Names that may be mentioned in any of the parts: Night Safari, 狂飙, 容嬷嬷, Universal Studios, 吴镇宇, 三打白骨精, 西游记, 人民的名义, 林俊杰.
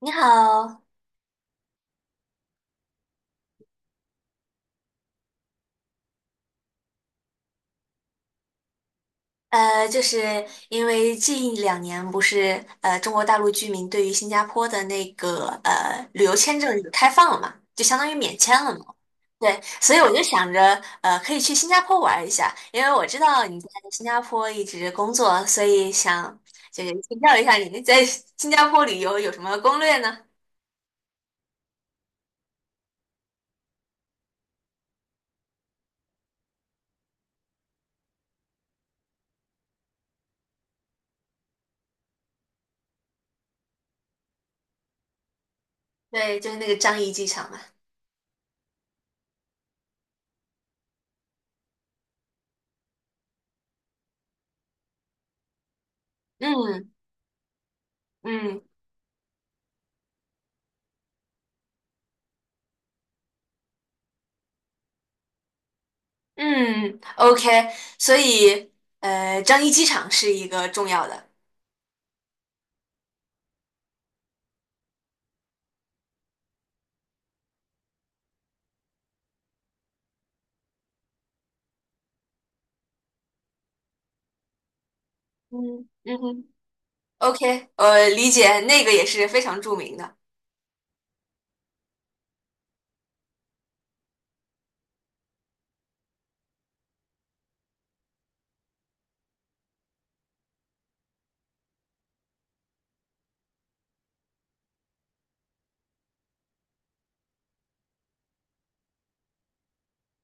你好，就是因为近两年不是中国大陆居民对于新加坡的那个旅游签证有开放了嘛，就相当于免签了嘛，对，所以我就想着可以去新加坡玩一下，因为我知道你在新加坡一直工作，所以想就是请教一下你在新加坡旅游有什么攻略呢？对，就是那个樟宜机场嘛。嗯嗯嗯，OK，所以樟宜机场是一个重要的。嗯嗯哼，OK，理解，那个也是非常著名的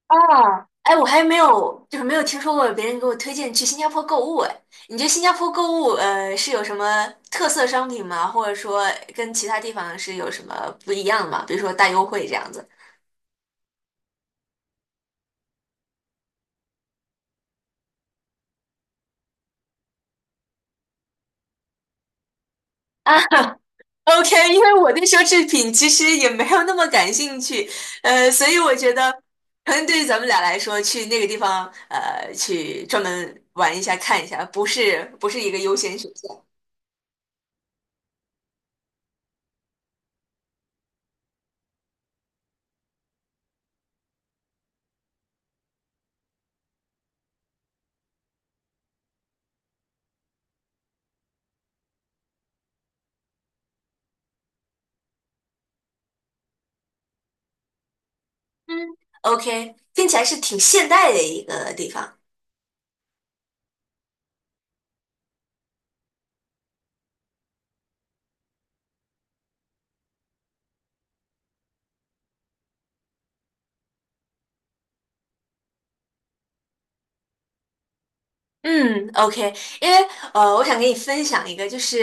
啊。哎，我还没有，就是没有听说过别人给我推荐去新加坡购物。哎，你觉得新加坡购物，是有什么特色商品吗？或者说跟其他地方是有什么不一样吗？比如说大优惠这样子啊？OK，因为我对奢侈品其实也没有那么感兴趣，所以我觉得可能对于咱们俩来说，去那个地方，去专门玩一下、看一下，不是一个优先选项。嗯，OK，听起来是挺现代的一个地方。嗯，OK，因为我想给你分享一个，就是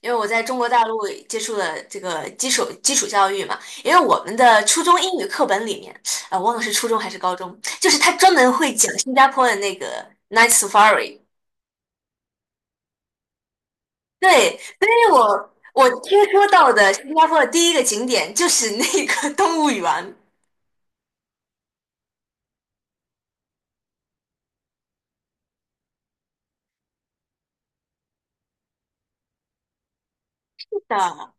因为我在中国大陆接触了这个基础教育嘛，因为我们的初中英语课本里面，忘了是初中还是高中，就是他专门会讲新加坡的那个 Night Safari，对，所以我听说到的新加坡的第一个景点就是那个 动物园的，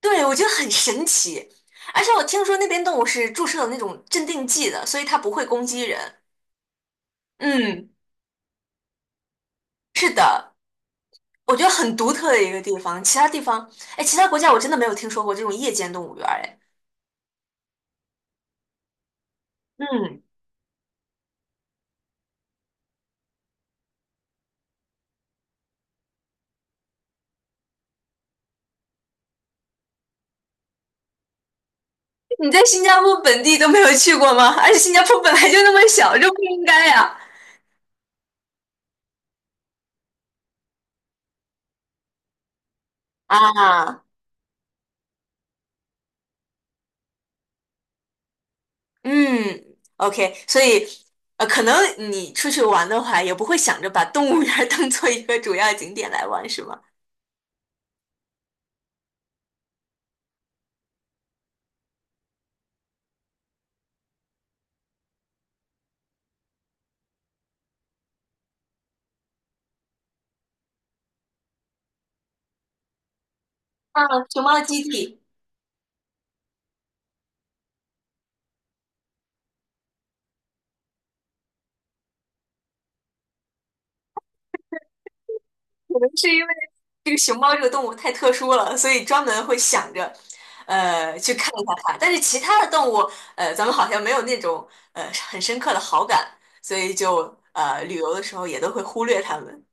对，我觉得很神奇，而且我听说那边动物是注射了那种镇定剂的，所以它不会攻击人，嗯，是的。我觉得很独特的一个地方，其他地方，哎，其他国家我真的没有听说过这种夜间动物园儿，哎，嗯，你在新加坡本地都没有去过吗？而且新加坡本来就那么小，这不应该呀。啊，啊嗯，OK，所以可能你出去玩的话，也不会想着把动物园儿当做一个主要景点来玩，是吗？啊，熊猫基地。可能是因为这个熊猫这个动物太特殊了，所以专门会想着，去看一下它。但是其他的动物，咱们好像没有那种很深刻的好感，所以就旅游的时候也都会忽略它们。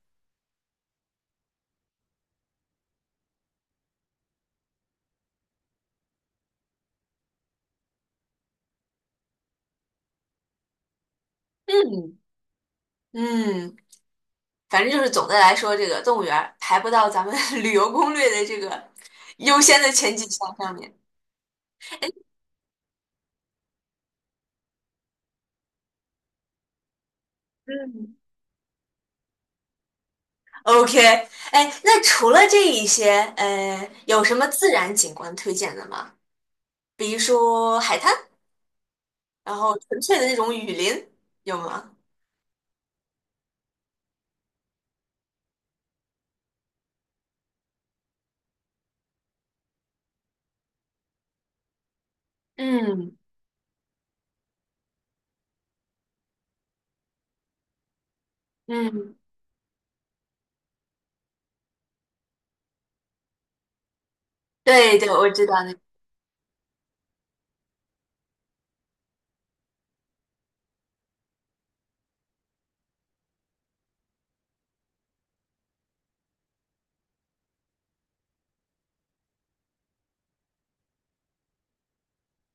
嗯嗯，反正就是总的来说，这个动物园儿排不到咱们 旅游攻略的这个优先的前几项上面。嗯，OK，哎，那除了这一些，有什么自然景观推荐的吗？比如说海滩。然后纯粹的那种雨林有吗？嗯嗯对对，我知道那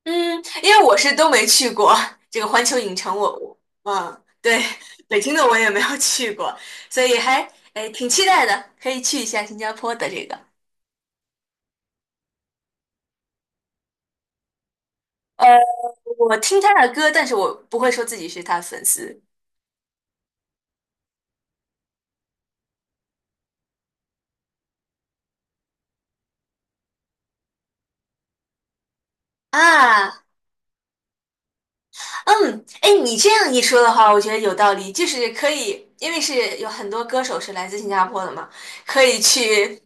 嗯，因为我是都没去过这个环球影城我嗯，对，北京的我也没有去过，所以还哎挺期待的，可以去一下新加坡的这个。呃，我听他的歌，但是我不会说自己是他的粉丝啊。嗯，哎，你这样一说的话，我觉得有道理，就是可以，因为是有很多歌手是来自新加坡的嘛，可以去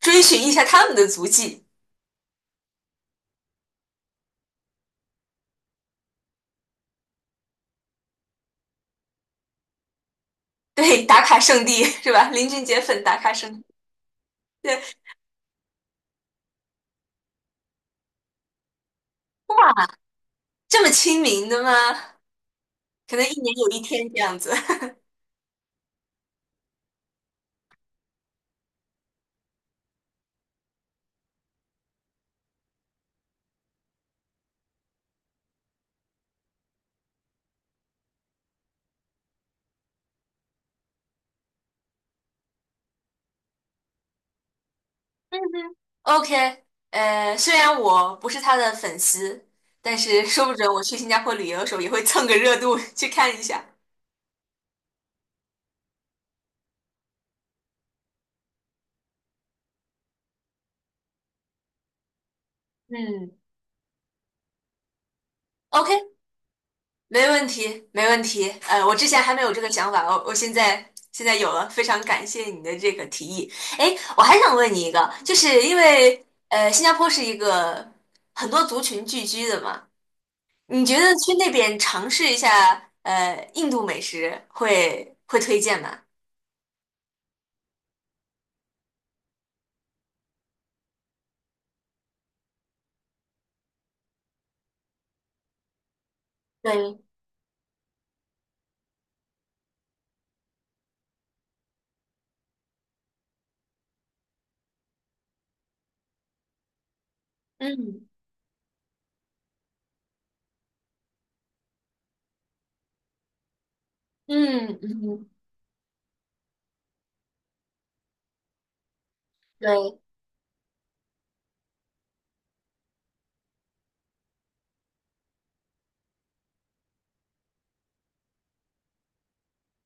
追寻一下他们的足迹。对，打卡圣地是吧？林俊杰粉打卡圣地，对，这么亲民的吗？可能一年有一天这样子。OK，虽然我不是他的粉丝，但是说不准我去新加坡旅游的时候也会蹭个热度去看一下。嗯，OK，没问题，没问题。我之前还没有这个想法，我现在有了，非常感谢你的这个提议。哎，我还想问你一个，就是因为新加坡是一个很多族群聚居的嘛，你觉得去那边尝试一下印度美食会推荐吗？对，嗯嗯嗯，对，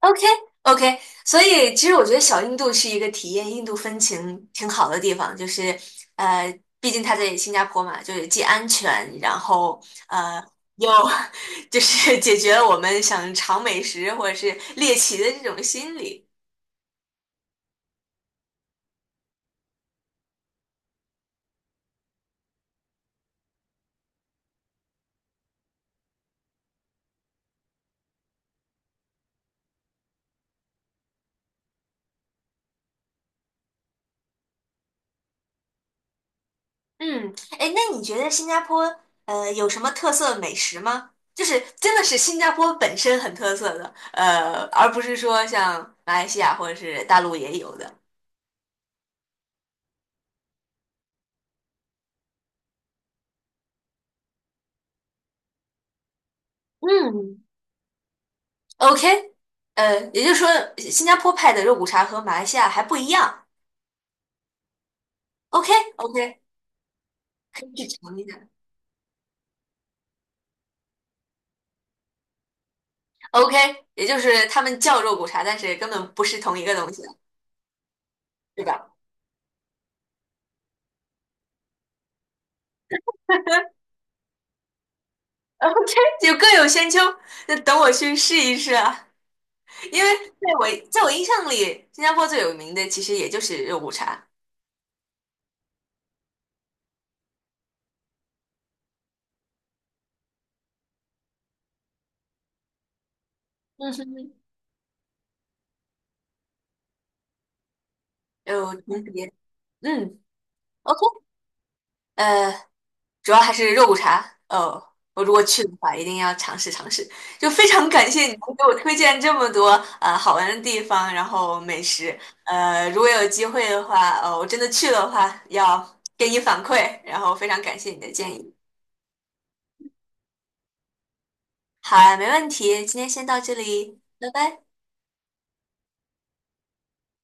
OK OK，所以其实我觉得小印度是一个体验印度风情挺好的地方，就是呃，毕竟它在新加坡嘛，就是既安全，然后呃又 就是解决了我们想尝美食或者是猎奇的这种心理。嗯，哎，那你觉得新加坡有什么特色美食吗？就是真的是新加坡本身很特色的，而不是说像马来西亚或者是大陆也有的。嗯 OK，也就是说，新加坡派的肉骨茶和马来西亚还不一样。OK，OK，可以去尝一下。OK，也就是他们叫肉骨茶，但是根本不是同一个东西，对吧？OK，就各有千秋。那等我去试一试啊，因为在我印象里，新加坡最有名的其实也就是肉骨茶。嗯哼，有重叠。嗯，OK，呃，主要还是肉骨茶。哦，我如果去的话，一定要尝试尝试。就非常感谢你能给我推荐这么多好玩的地方，然后美食。如果有机会的话，我真的去了的话，要给你反馈。然后非常感谢你的建议。好啊，没问题，今天先到这里，拜拜。